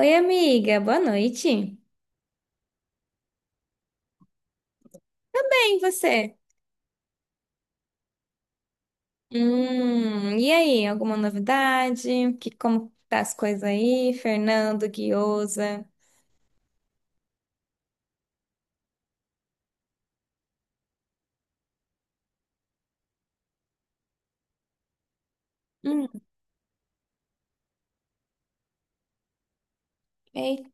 Oi, amiga, boa noite. E você? E aí, alguma novidade? Como tá as coisas aí? Fernando, Guiosa. Hum, ei.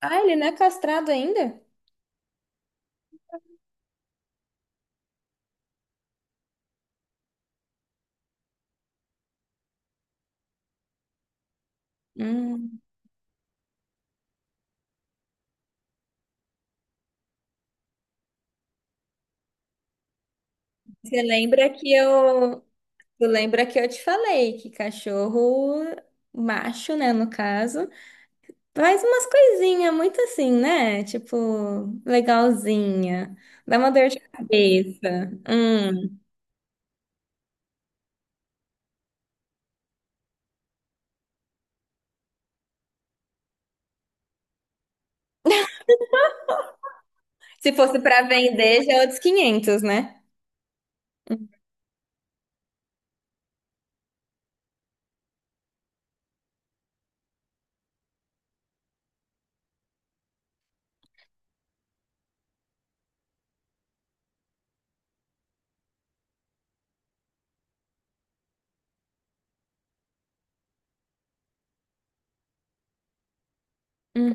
Ah, ele não é castrado ainda? Hum. Você lembra que tu lembra que eu te falei que cachorro macho, né, no caso, faz umas coisinhas muito assim, né? Tipo, legalzinha. Dá uma dor de cabeça. Hum. Se fosse pra vender, já é outros quinhentos, né? Hum.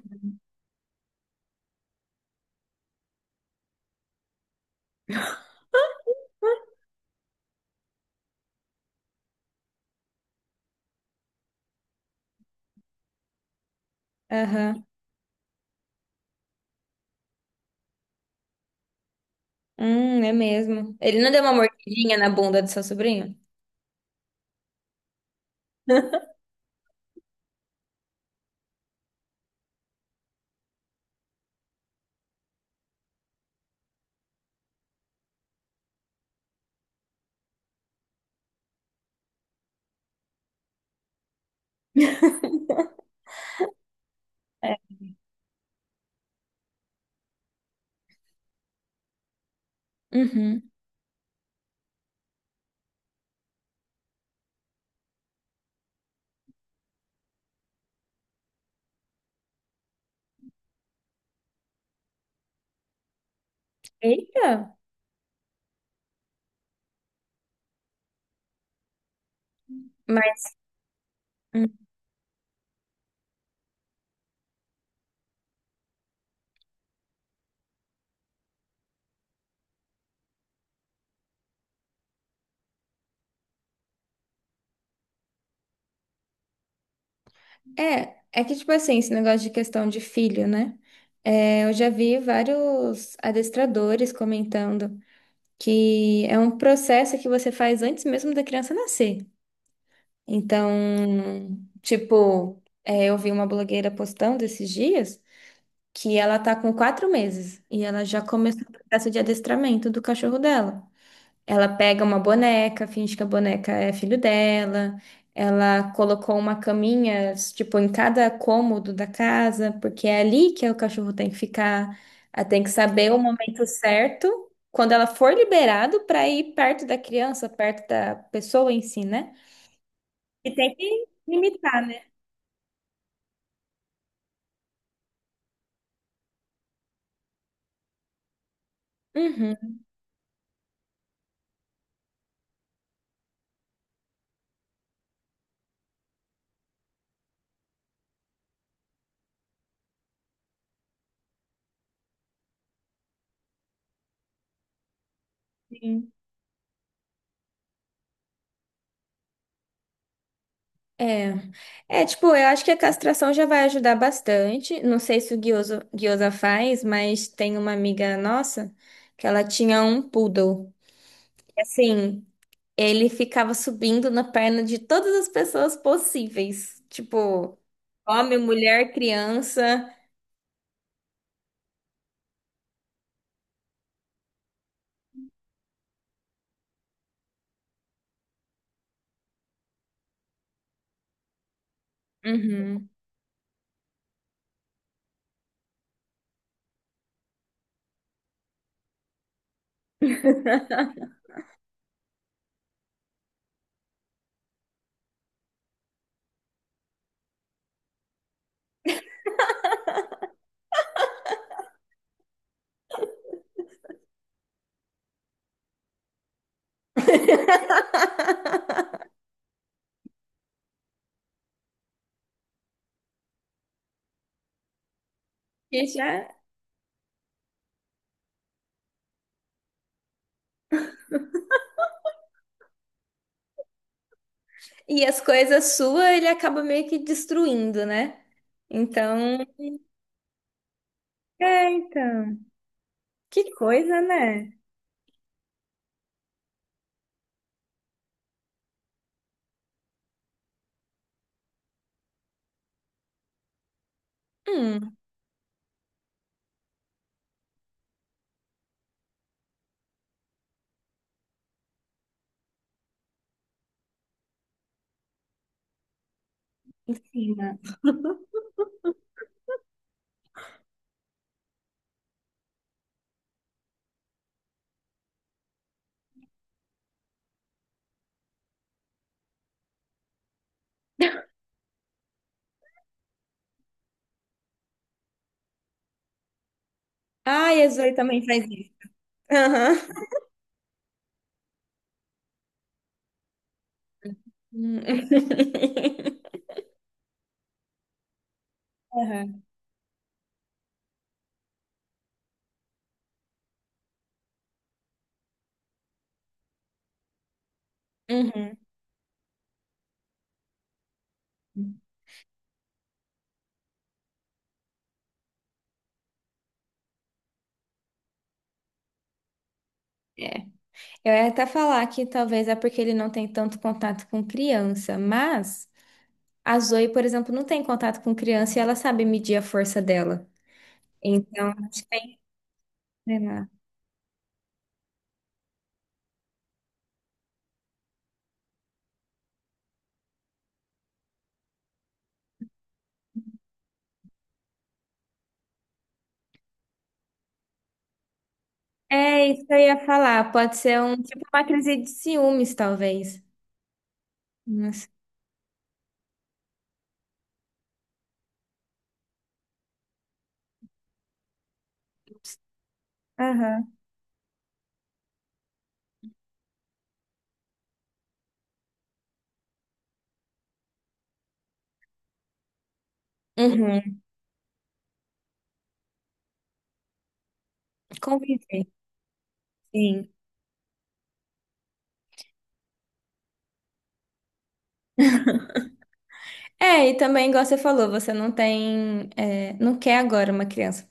Aham. É mesmo. Ele não deu uma mordidinha na bunda do seu sobrinho? Uhum. Eita. Mas Uhum. é, é que tipo assim, esse negócio de questão de filho, né? É, eu já vi vários adestradores comentando que é um processo que você faz antes mesmo da criança nascer. Então, tipo, eu vi uma blogueira postando esses dias, que ela tá com 4 meses e ela já começou o processo de adestramento do cachorro dela. Ela pega uma boneca, finge que a boneca é filho dela. Ela colocou uma caminha, tipo, em cada cômodo da casa, porque é ali que o cachorro tem que ficar. Ela tem que saber o momento certo, quando ela for liberado, para ir perto da criança, perto da pessoa em si, né? E tem que limitar, né? Uhum. Sim. É, é tipo, eu acho que a castração já vai ajudar bastante. Não sei se o Guiosa faz, mas tem uma amiga nossa que ela tinha um poodle. E, assim, ele ficava subindo na perna de todas as pessoas possíveis, tipo, homem, mulher, criança. Uhum. E já e as coisas suas ele acaba meio que destruindo, né? Então, então, que coisa, né? Hum. Em cima. Ah, Jesus também faz isso. Aham. Uhum. Aham. Uhum. É. Eu ia até falar que talvez é porque ele não tem tanto contato com criança, mas a Zoe, por exemplo, não tem contato com criança e ela sabe medir a força dela. Então, acho que vai treinar. É isso que eu ia falar. Pode ser um tipo uma crise de ciúmes, talvez. Mas... Aham. Uhum. Conviver. Sim. É, e também, igual você falou, você não tem, é, não quer agora uma criança.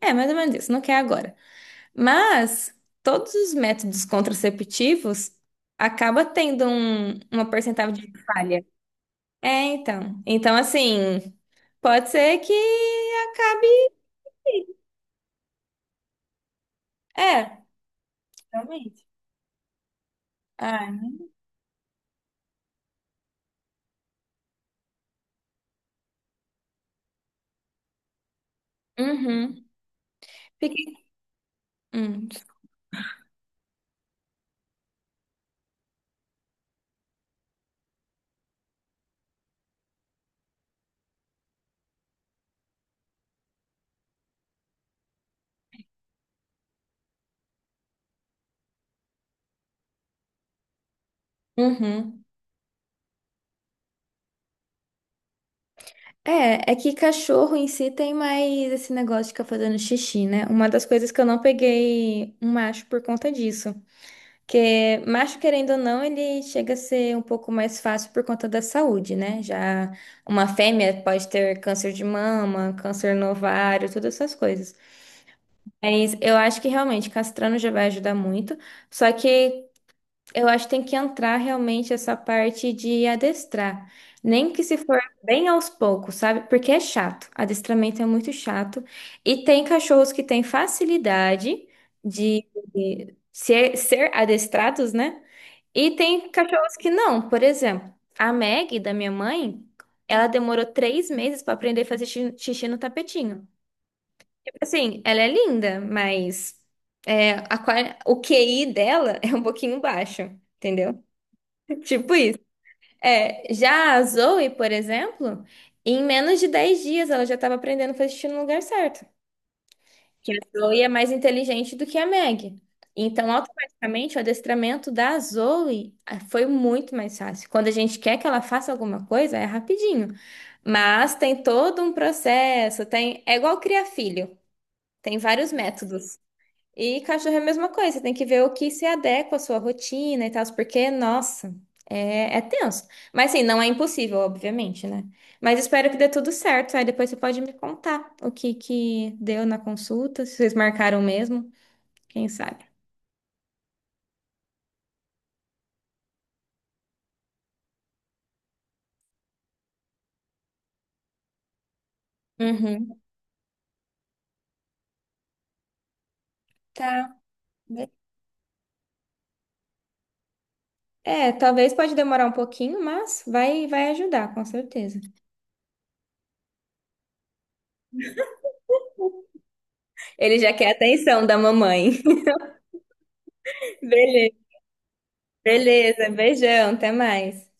É, mais ou menos isso, não quer agora. Mas todos os métodos contraceptivos acaba tendo um- uma porcentagem de falha. É, então. Então, assim, pode ser que acabe. É, realmente. Ah, uhum. Fiquei. Hum, uhum. É, é que cachorro em si tem mais esse negócio de ficar fazendo xixi, né? Uma das coisas que eu não peguei um macho por conta disso. Porque macho, querendo ou não, ele chega a ser um pouco mais fácil por conta da saúde, né? Já uma fêmea pode ter câncer de mama, câncer no ovário, todas essas coisas. Mas eu acho que realmente castrando já vai ajudar muito. Só que eu acho que tem que entrar realmente essa parte de adestrar. Nem que se for bem aos poucos, sabe? Porque é chato. Adestramento é muito chato. E tem cachorros que têm facilidade de ser adestrados, né? E tem cachorros que não. Por exemplo, a Maggie, da minha mãe, ela demorou 3 meses para aprender a fazer xixi no tapetinho. Tipo assim, ela é linda, mas o QI dela é um pouquinho baixo, entendeu? Tipo isso. É, já a Zoe, por exemplo, em menos de 10 dias ela já estava aprendendo a fazer xixi no lugar certo. Que a Zoe é mais inteligente do que a Meg. Então, automaticamente, o adestramento da Zoe foi muito mais fácil. Quando a gente quer que ela faça alguma coisa, é rapidinho. Mas tem todo um processo, tem... É igual criar filho. Tem vários métodos. E cachorro é a mesma coisa, você tem que ver o que se adequa à sua rotina e tal, porque, nossa, é tenso. Mas assim, não é impossível, obviamente, né? Mas espero que dê tudo certo. Aí depois você pode me contar o que que deu na consulta, se vocês marcaram mesmo, quem sabe. Uhum. Tá. É, talvez pode demorar um pouquinho, mas vai, vai ajudar, com certeza. Ele já quer a atenção da mamãe. Beleza, beleza. Beijão, até mais.